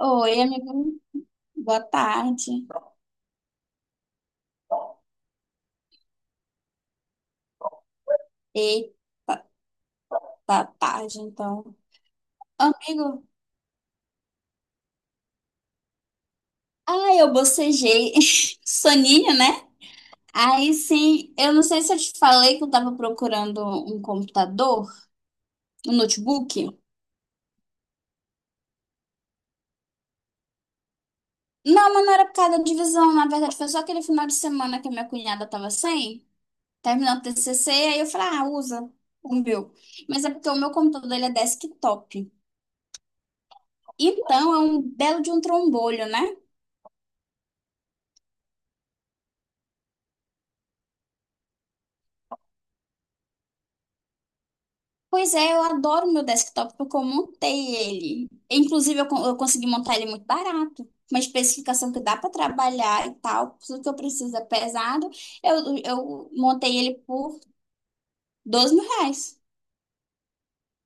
Oi, amigo. Boa tarde. Eita, tá tarde, então. Amigo, eu bocejei. Soninho, né? Aí sim, eu não sei se eu te falei que eu tava procurando um computador, um notebook. Não, mas não era por causa da divisão. Na verdade, foi só aquele final de semana que a minha cunhada tava sem, terminou o TCC, aí eu falei, ah, usa o meu. Mas é porque o meu computador, ele é desktop. Então, é um belo de um trombolho, né? Pois é, eu adoro meu desktop porque eu montei ele. Inclusive, eu consegui montar ele muito barato. Uma especificação que dá para trabalhar e tal, tudo que eu preciso é pesado. Eu montei ele por R$ 2.000.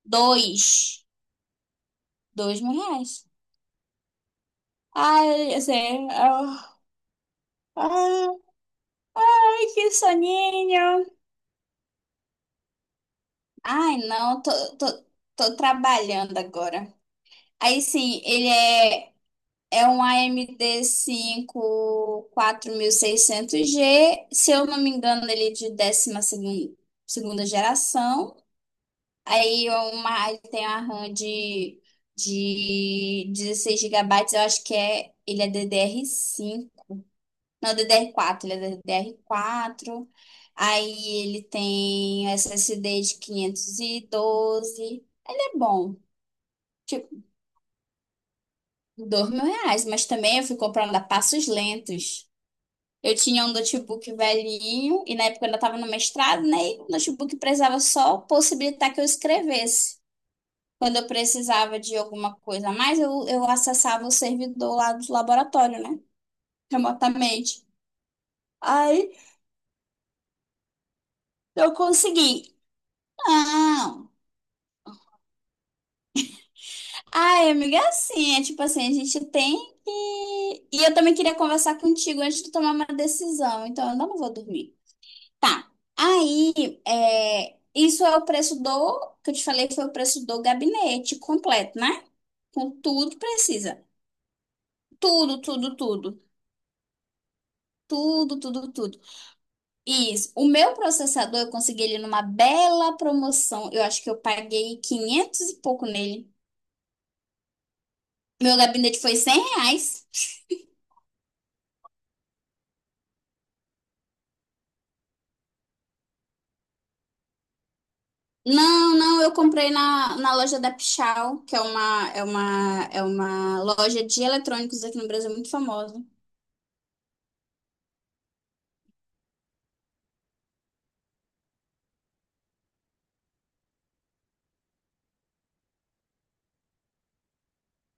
Dois. R$ 2.000. Ai, assim, ah, ai, que soninho. Ai, não, tô, tô trabalhando agora. Aí sim, ele é. É um AMD 5 600G, se eu não me engano. Ele é de segunda geração. Ele tem a RAM de 16 GB, eu acho que é. Ele é ddr cinco, não, ddr quatro. Ele é ddr quatro. Aí ele tem SSD de 512. Ele é bom, tipo, R$ 2.000, mas também eu fui comprando a passos lentos. Eu tinha um notebook velhinho, e na época eu ainda estava no mestrado, né? E o notebook precisava só possibilitar que eu escrevesse. Quando eu precisava de alguma coisa a mais, eu acessava o servidor lá do laboratório, né? Remotamente. Aí eu consegui. Não. Ai, amiga, é assim, é tipo assim, a gente tem que. E eu também queria conversar contigo antes de tomar uma decisão, então eu não vou dormir. Tá. Aí, isso é o preço do, que eu te falei, foi o preço do gabinete completo, né? Com tudo que precisa. Tudo, tudo, tudo. Tudo, tudo, tudo. Isso. O meu processador, eu consegui ele numa bela promoção. Eu acho que eu paguei 500 e pouco nele. Meu gabinete foi R$ 100. Não, não, eu comprei na loja da Pichau, que é uma loja de eletrônicos aqui no Brasil muito famosa.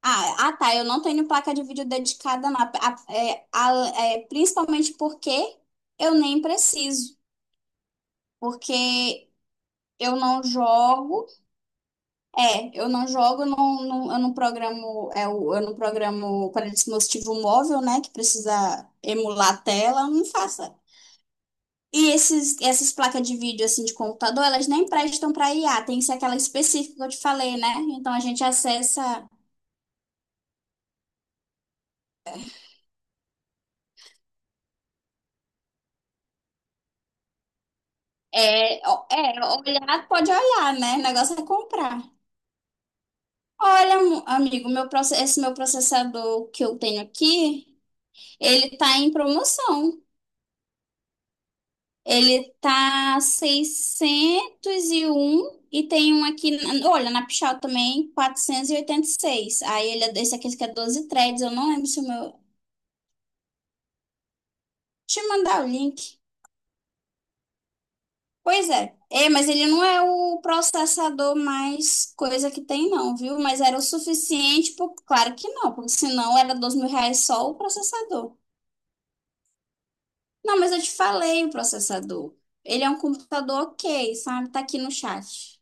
Tá. Eu não tenho placa de vídeo dedicada, não. Principalmente porque eu nem preciso. Porque eu não jogo. É, eu não jogo, não, eu não programo. Eu não programo para dispositivo móvel, né? Que precisa emular a tela, eu não faço. E essas placas de vídeo assim de computador, elas nem prestam para IA, tem que ser aquela específica que eu te falei, né? Então a gente acessa. Ó, olhar pode olhar, né? O negócio é comprar. Olha, amigo, esse meu processador que eu tenho aqui, ele tá em promoção. Ele tá 601, e tem um aqui, olha, na Pichau também, quatrocentos e oitenta e seis. Aí ele é esse aqui que é 12 threads, eu não lembro se o meu. Deixa eu mandar o link. Pois é. É, mas ele não é o processador mais coisa que tem não, viu? Mas era o suficiente, pro, claro que não, porque senão era R$ 2.000 só o processador. Não, mas eu te falei o processador. Ele é um computador ok, sabe? Tá aqui no chat.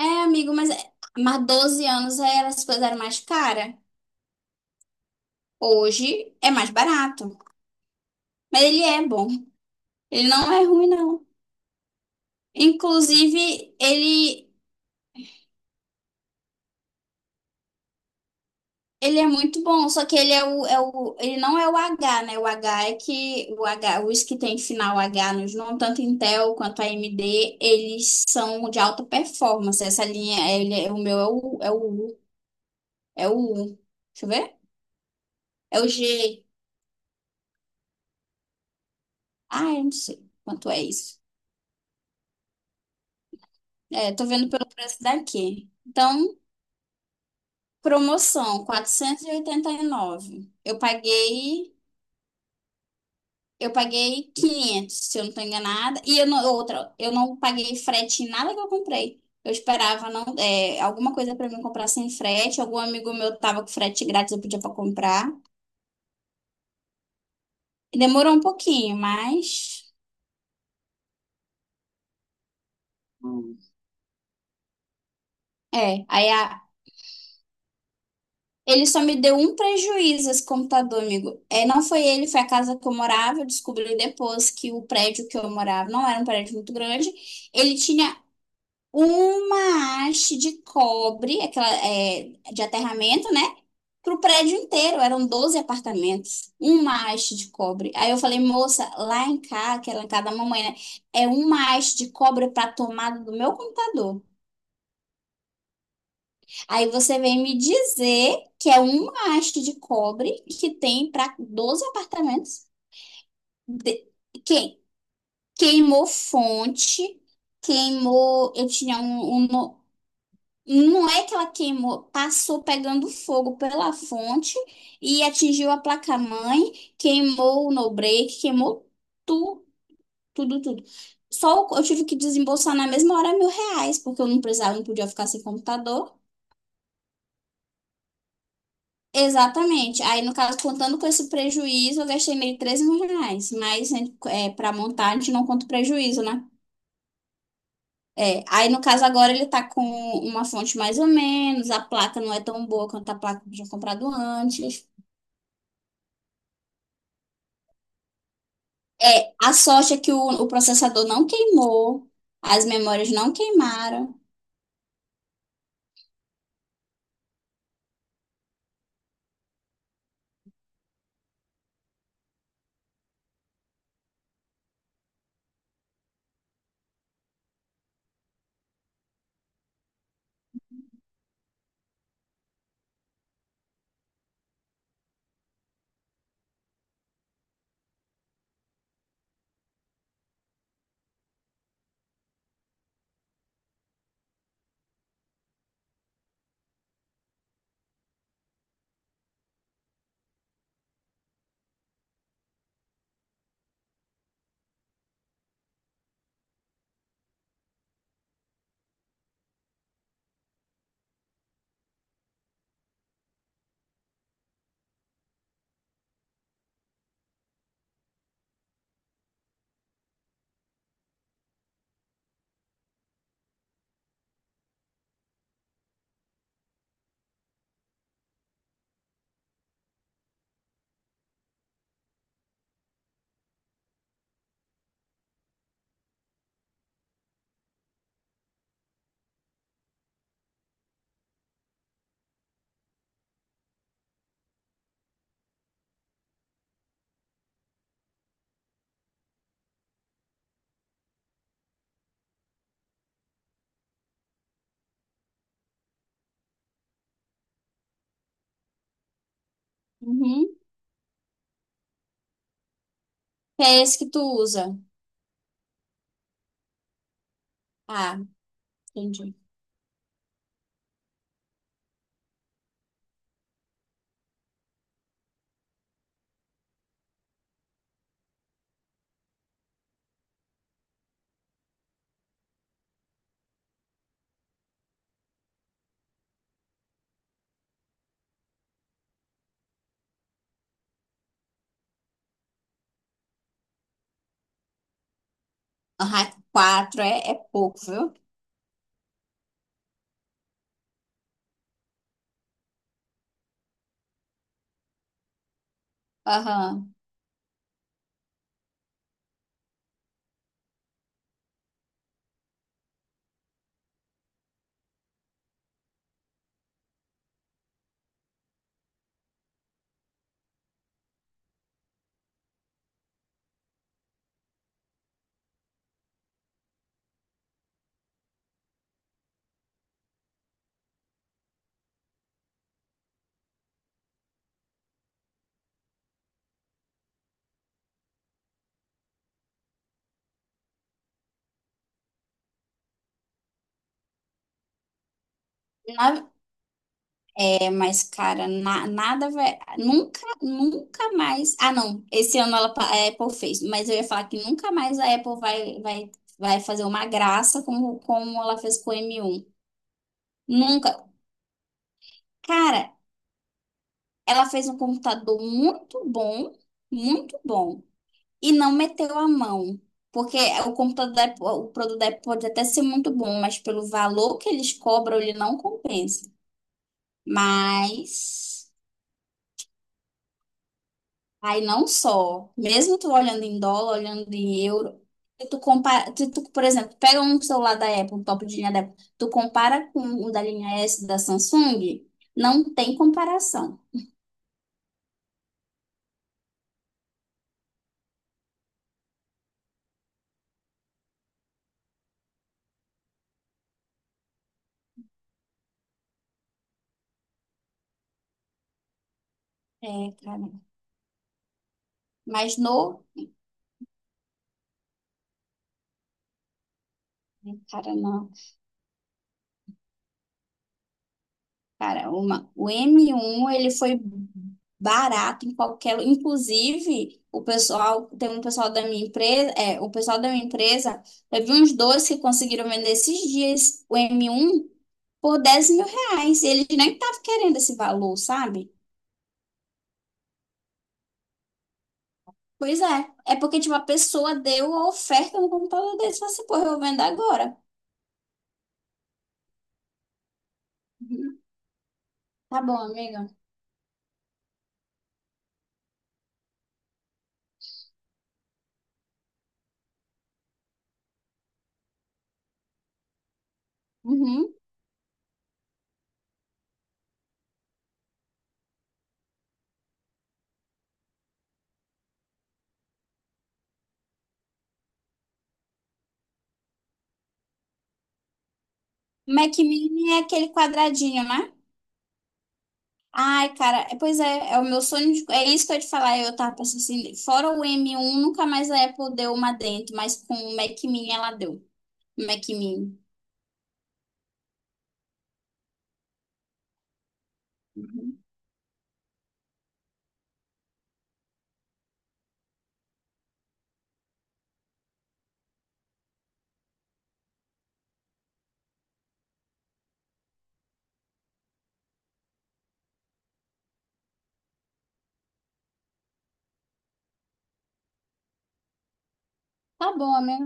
É, amigo, mas, mas 12 anos era, as coisas eram mais caras. Hoje é mais barato. Mas ele é bom. Ele não é ruim, não. Inclusive, ele é muito bom, só que ele é ele não é o H, né? O H é que o H, Os que tem final H nos nomes, tanto Intel quanto a AMD, eles são de alta performance. Essa linha, o meu é o. É o U. Deixa eu ver. É o G. Ah, eu não sei quanto é isso. É, tô vendo pelo preço daqui. Então, promoção, quatrocentos e oitenta e nove. Eu paguei 500, se eu não tô enganada. E eu não, Outra, eu não paguei frete em nada que eu comprei. Eu esperava não, alguma coisa para mim comprar sem frete. Algum amigo meu tava com frete grátis, eu podia para comprar. E demorou um pouquinho, mas é. Aí a. Ele só me deu um prejuízo, esse computador, amigo. É, não foi ele, foi a casa que eu morava. Eu descobri depois que o prédio que eu morava não era um prédio muito grande. Ele tinha uma haste de cobre, aquela, de aterramento, né? Pro prédio inteiro. Eram 12 apartamentos. Uma haste de cobre. Aí eu falei, moça, lá em casa, que era lá em casa da mamãe, né? É uma haste de cobre pra tomada do meu computador. Aí você vem me dizer que é uma haste de cobre que tem para 12 apartamentos. De... Que... Queimou fonte, queimou. Eu tinha um, um no- Não é que ela queimou, passou pegando fogo pela fonte e atingiu a placa-mãe, queimou o no-break, queimou tudo, tudo, tudo. Eu tive que desembolsar na mesma hora R$ 1.000, porque eu não precisava, não podia ficar sem computador. Exatamente. Aí, no caso, contando com esse prejuízo, eu gastei meio 13 mil reais. Mas né, para montar, a gente não conta o prejuízo, né? É, aí, no caso, agora ele tá com uma fonte mais ou menos, a placa não é tão boa quanto a placa que eu tinha comprado antes. É, a sorte é que o processador não queimou, as memórias não queimaram. Uhum. Que é esse que tu usa? Ah, entendi. Ah, 4 é pouco, viu? Aham. É, mas, cara, nada vai. Nunca, nunca mais. Ah, não. Esse ano a Apple fez. Mas eu ia falar que nunca mais a Apple vai fazer uma graça como ela fez com o M1. Nunca. Cara, ela fez um computador muito bom, muito bom. E não meteu a mão. Porque o computador da Apple, o produto da Apple pode até ser muito bom, mas pelo valor que eles cobram, ele não compensa. Mas. Aí não só, mesmo tu olhando em dólar, olhando em euro, se tu, por exemplo, pega um celular da Apple, um top de linha da Apple, tu compara com o da linha S da Samsung, não tem comparação. É, cara. Mas no, cara, não. Cara, o m um ele foi barato em qualquer, inclusive o pessoal. Tem um pessoal da minha empresa, teve uns dois que conseguiram vender esses dias o M1 por R$ 10.000. E eles nem estavam querendo esse valor, sabe? Pois é, é porque tipo, a pessoa deu a oferta no computador deles e falou assim, pô, eu vou vender agora. Uhum. Tá bom, amiga. Uhum. Mac Mini é aquele quadradinho, né? Ai, cara, pois é, é o meu sonho, é isso que eu ia te falar, eu tava pensando assim, fora o M1, nunca mais a Apple deu uma dentro, mas com o Mac Mini ela deu, o Mac Mini. Tá bom, né?